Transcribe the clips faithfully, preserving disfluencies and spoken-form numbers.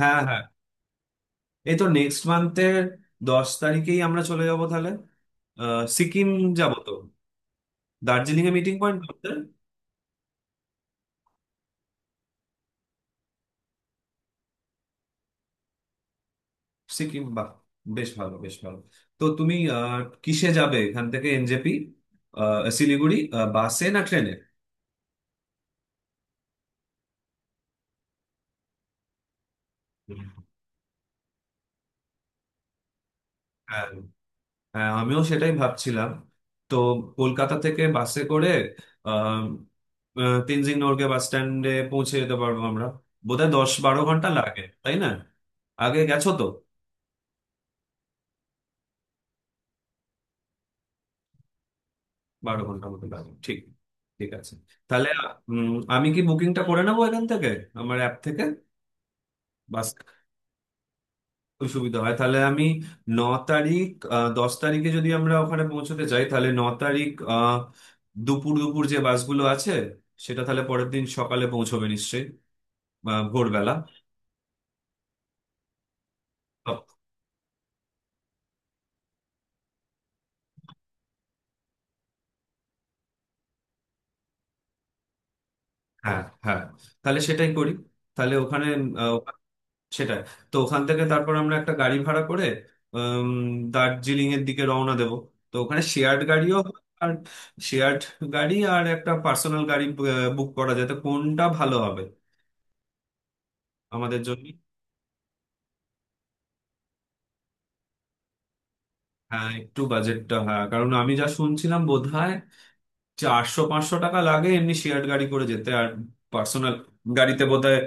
হ্যাঁ, হ্যাঁ। এই তো নেক্সট মান্থের দশ তারিখেই আমরা চলে যাব, তাহলে আহ, সিকিম। যাব তো, দার্জিলিং এ মিটিং পয়েন্ট করতে। সিকিম, বাহ। বেশ ভালো, বেশ ভালো। তো তুমি আহ, কিসে যাবে এখান থেকে? এনজেপি শিলিগুড়ি, আহ, বাসে না ট্রেনে? হ্যাঁ, হ্যাঁ, আমিও সেটাই ভাবছিলাম। তো কলকাতা থেকে বাসে করে আম, আহ, তেনজিং নোরকে বাস স্ট্যান্ডে পৌঁছে যেতে পারবো আমরা। বোধহয় দশ বারো ঘন্টা লাগে, তাই না? আগে গেছো তো। বারো ঘন্টার মতো লাগবে, ঠিক। ঠিক আছে তাহলে। উম, আমি কি বুকিংটা করে নেবো এখান থেকে, আমার অ্যাপ থেকে, বাস? খুব সুবিধা হয়, তাহলে আমি ন তারিখ, আহ, দশ তারিখে যদি আমরা ওখানে পৌঁছতে চাই তাহলে ন তারিখ, আহ, দুপুর দুপুর যে বাসগুলো আছে সেটা, তাহলে পরের দিন সকালে পৌঁছবে নিশ্চয়ই, বা ভোরবেলা। হ্যাঁ, হ্যাঁ, তাহলে সেটাই করি। তাহলে ওখানে সেটাই। তো ওখান থেকে তারপর আমরা একটা গাড়ি ভাড়া করে দার্জিলিং এর দিকে রওনা দেব। তো ওখানে শেয়ার্ড গাড়িও হয়, আর শেয়ার্ড গাড়ি, আর একটা পার্সোনাল গাড়ি বুক করা যায়, তো কোনটা ভালো হবে আমাদের জন্য? হ্যাঁ, একটু বাজেটটা, হ্যাঁ, কারণ আমি যা শুনছিলাম বোধহয় চারশো পাঁচশো টাকা লাগে এমনি শেয়ার্ড গাড়ি করে যেতে, আর পার্সোনাল গাড়িতে বোধহয়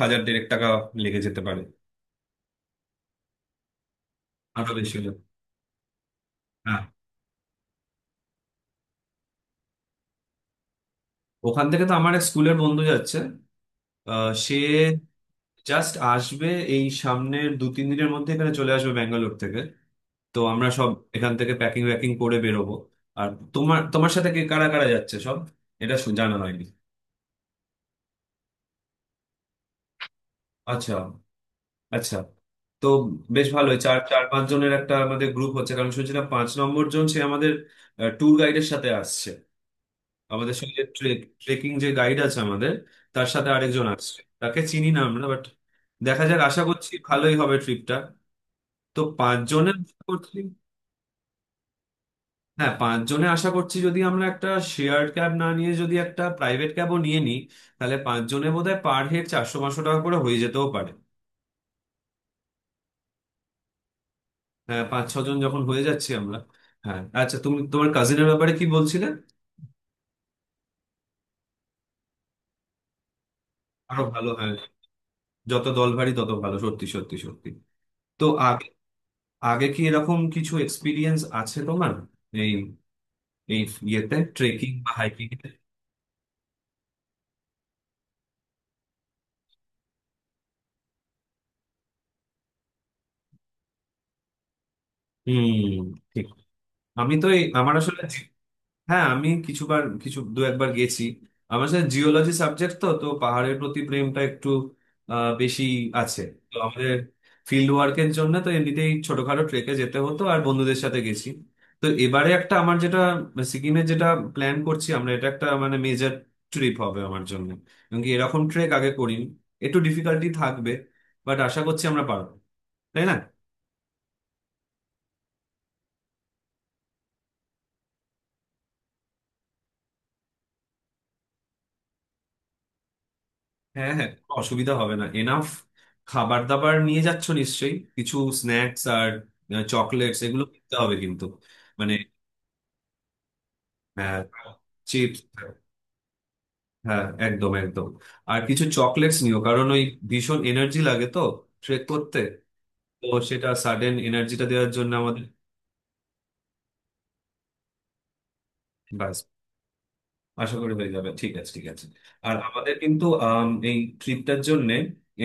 হাজার দেড়েক টাকা লেগে যেতে পারে। আরো বেশি হলে। হ্যাঁ। ওখান থেকে তো আমার এক স্কুলের বন্ধু যাচ্ছে। আহ, সে জাস্ট আসবে এই সামনের দু তিন দিনের মধ্যে, এখানে চলে আসবে ব্যাঙ্গালোর থেকে। তো আমরা সব এখান থেকে প্যাকিং প্যাকিং করে বেরোবো। আর তোমার, তোমার সাথে কে কারা কারা যাচ্ছে সব, এটা শু- জানা হয়নি। আচ্ছা, আচ্ছা। তো বেশ ভালোই চার, চার পাঁচ জনের একটা আমাদের গ্রুপ হচ্ছে, কারণ শুনছিলাম পাঁচ নম্বর জন সে আমাদের ট্যুর গাইডের সাথে আসছে আমাদের সঙ্গে। ট্রেকিং যে গাইড আছে আমাদের, তার সাথে আরেকজন আসছে, তাকে চিনি না আমরা, বাট দেখা যাক, আশা করছি ভালোই হবে ট্রিপটা। তো পাঁচজনের করছি। হ্যাঁ, পাঁচজনে আশা করছি যদি আমরা একটা শেয়ার্ড ক্যাব না নিয়ে যদি একটা প্রাইভেট ক্যাবও নিয়ে নিই, তাহলে পাঁচজনে বোধহয় পার হেড চারশো পাঁচশো টাকা করে হয়ে যেতেও পারে। হ্যাঁ, পাঁচ ছজন যখন হয়ে যাচ্ছি আমরা। হ্যাঁ, আচ্ছা, তুমি তোমার কাজিনের ব্যাপারে কি বলছিলে? আরো ভালো, হ্যাঁ। যত দল ভারী তত ভালো, সত্যি সত্যি সত্যি। তো আগে, আগে কি এরকম কিছু এক্সপিরিয়েন্স আছে তোমার, এই এই ইয়েতে, ট্রেকিং বা হাইকিং? হুম। ঠিক। আমি তো এই আমার আসলে, হ্যাঁ আমি কিছুবার কিছু দু একবার গেছি। আমার সাথে জিওলজি সাবজেক্ট, তো তো পাহাড়ের প্রতি প্রেমটা একটু আহ, বেশি আছে। তো আমাদের ফিল্ড ওয়ার্কের জন্য তো এমনিতেই ছোটখাটো ট্রেকে যেতে হতো, আর বন্ধুদের সাথে গেছি। তো এবারে একটা আমার যেটা সিকিমে যেটা প্ল্যান করছি আমরা, এটা একটা মানে মেজর ট্রিপ হবে আমার জন্য, এবং কি এরকম ট্রেক আগে করিনি, একটু ডিফিকাল্টি থাকবে, বাট আশা করছি আমরা পারবো। তাই না? হ্যাঁ, হ্যাঁ, কোনো অসুবিধা হবে না এনাফ। খাবার দাবার নিয়ে যাচ্ছ নিশ্চয়ই, কিছু স্ন্যাক্স আর চকলেটস এগুলো কিনতে হবে কিন্তু। মানে, হ্যাঁ। চিপস। হ্যাঁ, একদম একদম। আর কিছু চকলেটস নিও কারণ ওই ভীষণ এনার্জি লাগে তো ট্রেক করতে। তো সেটা সাডেন এনার্জিটা দেওয়ার জন্য আমাদের। ব্যাস। আশা করি হয়ে যাবে, ঠিক আছে, ঠিক আছে। আর আমাদের কিন্তু আম, এই ট্রিপটার জন্য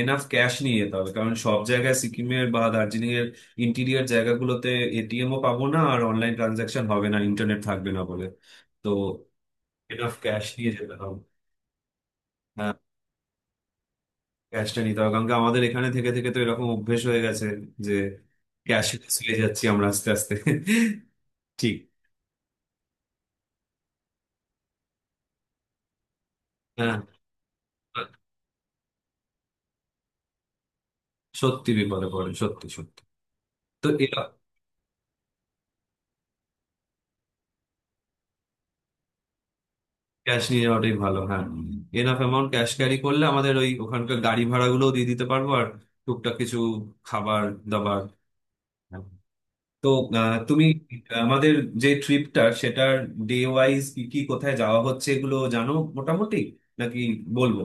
এনাফ ক্যাশ নিয়ে যেতে হবে, কারণ সব জায়গায় সিকিমের বা দার্জিলিং এর ইন্টিরিয়ার জায়গাগুলোতে এটিএমও পাবো না, আর অনলাইন ট্রানজাকশন হবে না, ইন্টারনেট থাকবে না বলে। তো এনাফ ক্যাশ নিয়ে যেতে হবে। হ্যাঁ, ক্যাশটা নিতে হবে, কারণ কি আমাদের এখানে থেকে থেকে তো এরকম অভ্যেস হয়ে গেছে যে ক্যাশ চলে যাচ্ছি আমরা আস্তে আস্তে। ঠিক। হ্যাঁ। সত্যি বিপদে পড়ে, সত্যি সত্যি। তো এরকম ক্যাশ নিয়ে যাওয়াটাই ভালো, হ্যাঁ। এনাফ অ্যামাউন্ট ক্যাশ ক্যারি করলে আমাদের ওই ওখানকার গাড়ি ভাড়াগুলোও দিয়ে দিতে পারবো, আর টুকটাক কিছু খাবার দাবার। হ্যাঁ। তো আহ, তুমি আমাদের যে ট্রিপটার সেটার ডে ওয়াইজ কি কি কোথায় যাওয়া হচ্ছে এগুলো জানো মোটামুটি, নাকি বলবো?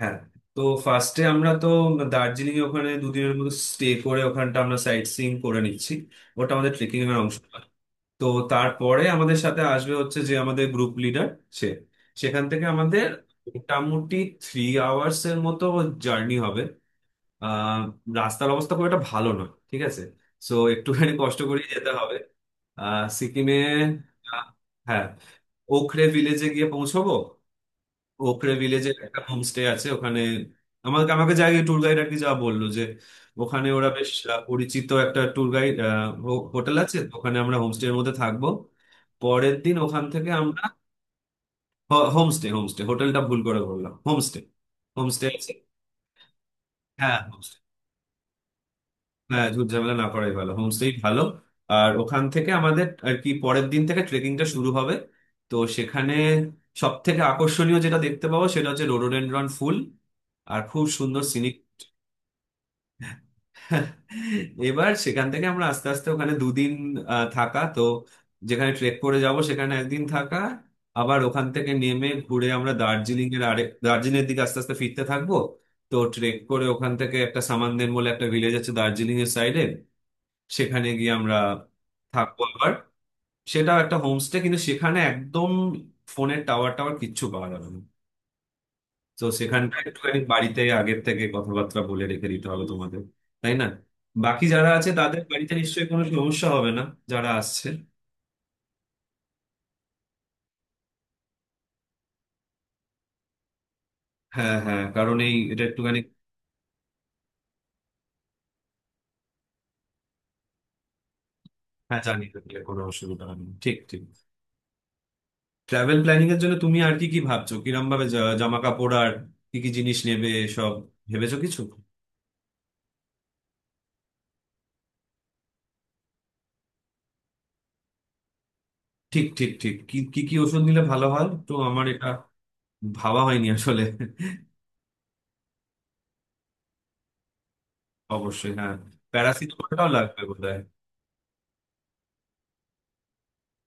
হ্যাঁ। তো ফার্স্টে আমরা তো দার্জিলিং এ ওখানে দুদিনের মতো স্টে করে ওখানটা আমরা সাইট সিইং করে নিচ্ছি। ওটা আমাদের ট্রেকিং এর অংশ না। তো তারপরে আমাদের সাথে আসবে হচ্ছে যে আমাদের গ্রুপ লিডার সে, সেখান থেকে আমাদের মোটামুটি থ্রি আওয়ার্স এর মতো জার্নি হবে। আহ, রাস্তার অবস্থা খুব একটা ভালো নয়, ঠিক আছে, সো একটুখানি কষ্ট করে যেতে হবে। আহ সিকিমে। আহ, হ্যাঁ, ওখরে ভিলেজে গিয়ে পৌঁছবো। ওখরে ভিলেজে একটা হোমস্টে আছে ওখানে। আমাকে আমাকে যাই ট্যুর গাইড আর কি যা বললো যে ওখানে ওরা বেশ আহ, পরিচিত একটা ট্যুর গাইড হোটেল আছে, তো ওখানে আমরা হোমস্টের মধ্যে থাকবো। পরের দিন ওখান থেকে আমরা হোমস্টে, হোমস্টে, হোটেলটা ভুল করে বললাম, হোমস্টে, হোমস্টে আছে। হ্যাঁ হোমস্টে। হ্যাঁ, ঝুট ঝামেলা না করাই ভালো, হোমস্টেই ভালো। আর ওখান থেকে আমাদের আর কি পরের দিন থেকে ট্রেকিংটা শুরু হবে। তো সেখানে সব থেকে আকর্ষণীয় যেটা দেখতে পাবো সেটা হচ্ছে রোডোডেনড্রন ফুল, আর খুব সুন্দর সিনিক। এবার সেখান থেকে আমরা আস্তে আস্তে ওখানে দুদিন আহ, থাকা, তো যেখানে ট্রেক করে যাব সেখানে একদিন থাকা। আবার ওখান থেকে নেমে ঘুরে আমরা দার্জিলিং এর আরেক দার্জিলিং এর দিকে আস্তে আস্তে ফিরতে থাকবো। তো ট্রেক করে ওখান থেকে একটা সামানদেন বলে একটা ভিলেজ আছে দার্জিলিং এর সাইডে, সেখানে গিয়ে আমরা থাকবো আবার। সেটাও একটা হোমস্টে, কিন্তু সেখানে একদম ফোনের টাওয়ার টাওয়ার কিচ্ছু পাওয়া যাবে না। তো সেখানটা একটুখানি বাড়িতে আগের থেকে কথাবার্তা বলে রেখে দিতে হবে তোমাদের, তাই না? বাকি যারা আছে তাদের বাড়িতে নিশ্চয়ই কোনো সমস্যা হবে না, যারা আসছে। হ্যাঁ, হ্যাঁ, কারণ এই এটা একটুখানি। হ্যাঁ, জানিয়ে রাখলে কোনো অসুবিধা হবে না, ঠিক ঠিক। ট্রাভেল প্ল্যানিং এর জন্য তুমি আর কি কি ভাবছো, কিরম ভাবে, জা- জামা কাপড় আর কি কি জিনিস নেবে সব ভেবেছো কিছু? ঠিক ঠিক ঠিক, কি কি কি ওষুধ নিলে ভালো হয় তো, আমার এটা ভাবা হয়নি আসলে। অবশ্যই, হ্যাঁ। প্যারাসিটামলটাও লাগবে বোধহয়।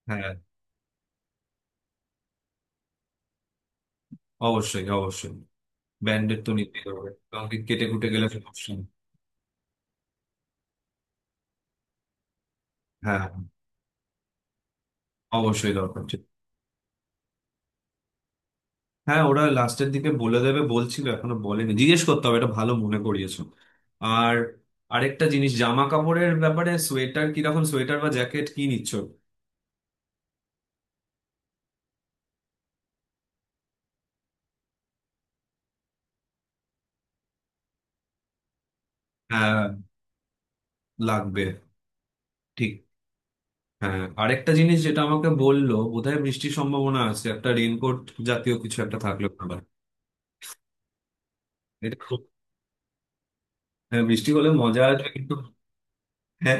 হ্যাঁ, অবশ্যই অবশ্যই, ব্যান্ডেড তো নিতেই হবে, কাউকে কেটে কুটে গেলে সমস্যা নেই। হ্যাঁ, অবশ্যই দরকার ছিল। হ্যাঁ, ওরা লাস্টের দিকে বলে দেবে বলছিল, এখনো বলেনি, জিজ্ঞেস করতে হবে। এটা ভালো মনে করিয়েছো। আর আরেকটা জিনিস জামা কাপড়ের ব্যাপারে, সোয়েটার কিরকম, সোয়েটার বা জ্যাকেট কি নিচ্ছ? হ্যাঁ, লাগবে, ঠিক। হ্যাঁ, আরেকটা জিনিস যেটা আমাকে বললো বোধহয় বৃষ্টির সম্ভাবনা আছে, একটা রেইনকোট জাতীয় কিছু একটা থাকলে ভালো হয়। এটা খুব, হ্যাঁ, বৃষ্টি হলে মজা আসবে কিন্তু। হ্যাঁ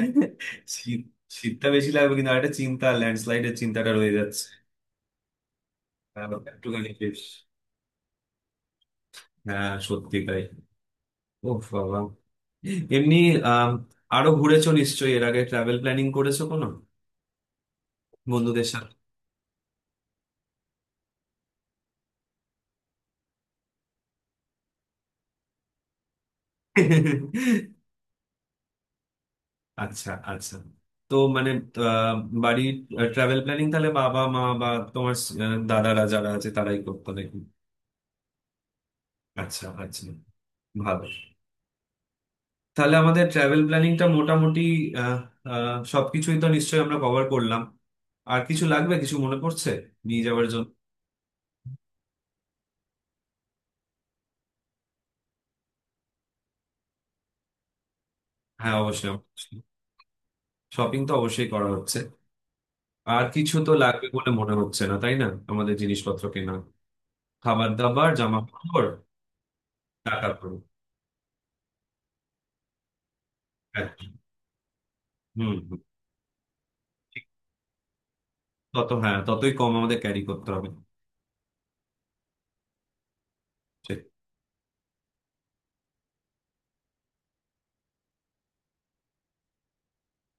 শীত, শীতটা বেশি লাগবে, কিন্তু আরেকটা চিন্তা, ল্যান্ডস্লাইডের চিন্তাটা রয়ে যাচ্ছে, আর একটুখানি, বেশ। হ্যাঁ, সত্যি তাই। ওহ বাবা। এমনি, আম, আরো ঘুরেছো নিশ্চয়ই এর আগে, ট্রাভেল প্ল্যানিং করেছো কোনো বন্ধুদের সাথে? আচ্ছা, আচ্ছা। তো মানে, আহ, বাড়ির ট্রাভেল প্ল্যানিং তাহলে বাবা মা বা তোমার আহ, দাদারা যারা আছে তারাই করতো নাকি? আচ্ছা আচ্ছা, ভালো। তাহলে আমাদের ট্রাভেল প্ল্যানিংটা মোটামুটি আহ, আহ, সবকিছুই তো নিশ্চয়ই আমরা কভার করলাম। আর কিছু লাগবে, কিছু মনে পড়ছে নিয়ে যাওয়ার জন্য? হ্যাঁ, অবশ্যই। শপিং তো অবশ্যই করা হচ্ছে। আর কিছু তো লাগবে বলে মনে হচ্ছে না, তাই না? আমাদের জিনিসপত্র কেনা, খাবার দাবার, জামা কাপড়, টাকা খরচ, হ্যাঁ। হুম হুম। ঠিক। তত, হ্যাঁ, ততই কম আমাদের ক্যারি করতে হবে। ঠিক।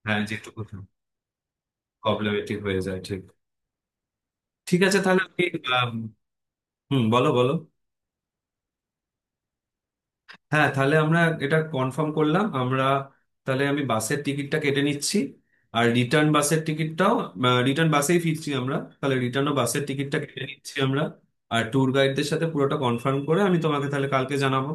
হ্যাঁ, যেটুকু। প্রবলেমেটিক হয়ে যায়, ঠিক। ঠিক আছে তাহলে আপনি, আম, হুম, বলো বলো। হ্যাঁ, তাহলে আমরা এটা কনফার্ম করলাম আমরা। তাহলে আমি বাসের টিকিটটা কেটে নিচ্ছি, আর রিটার্ন বাসের টিকিটটাও। রিটার্ন বাসেই ফিরছি আমরা, তাহলে রিটার্নও বাসের টিকিটটা কেটে নিচ্ছি আমরা। আর ট্যুর গাইডদের সাথে পুরোটা কনফার্ম করে আমি তোমাকে তাহলে কালকে জানাবো।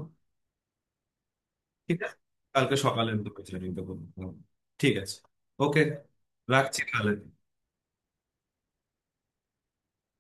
ঠিক আছে, কালকে সকালে আমি তোকে জানিয়ে দেবো। হুম। ঠিক আছে। ওকে, রাখছি তাহলে।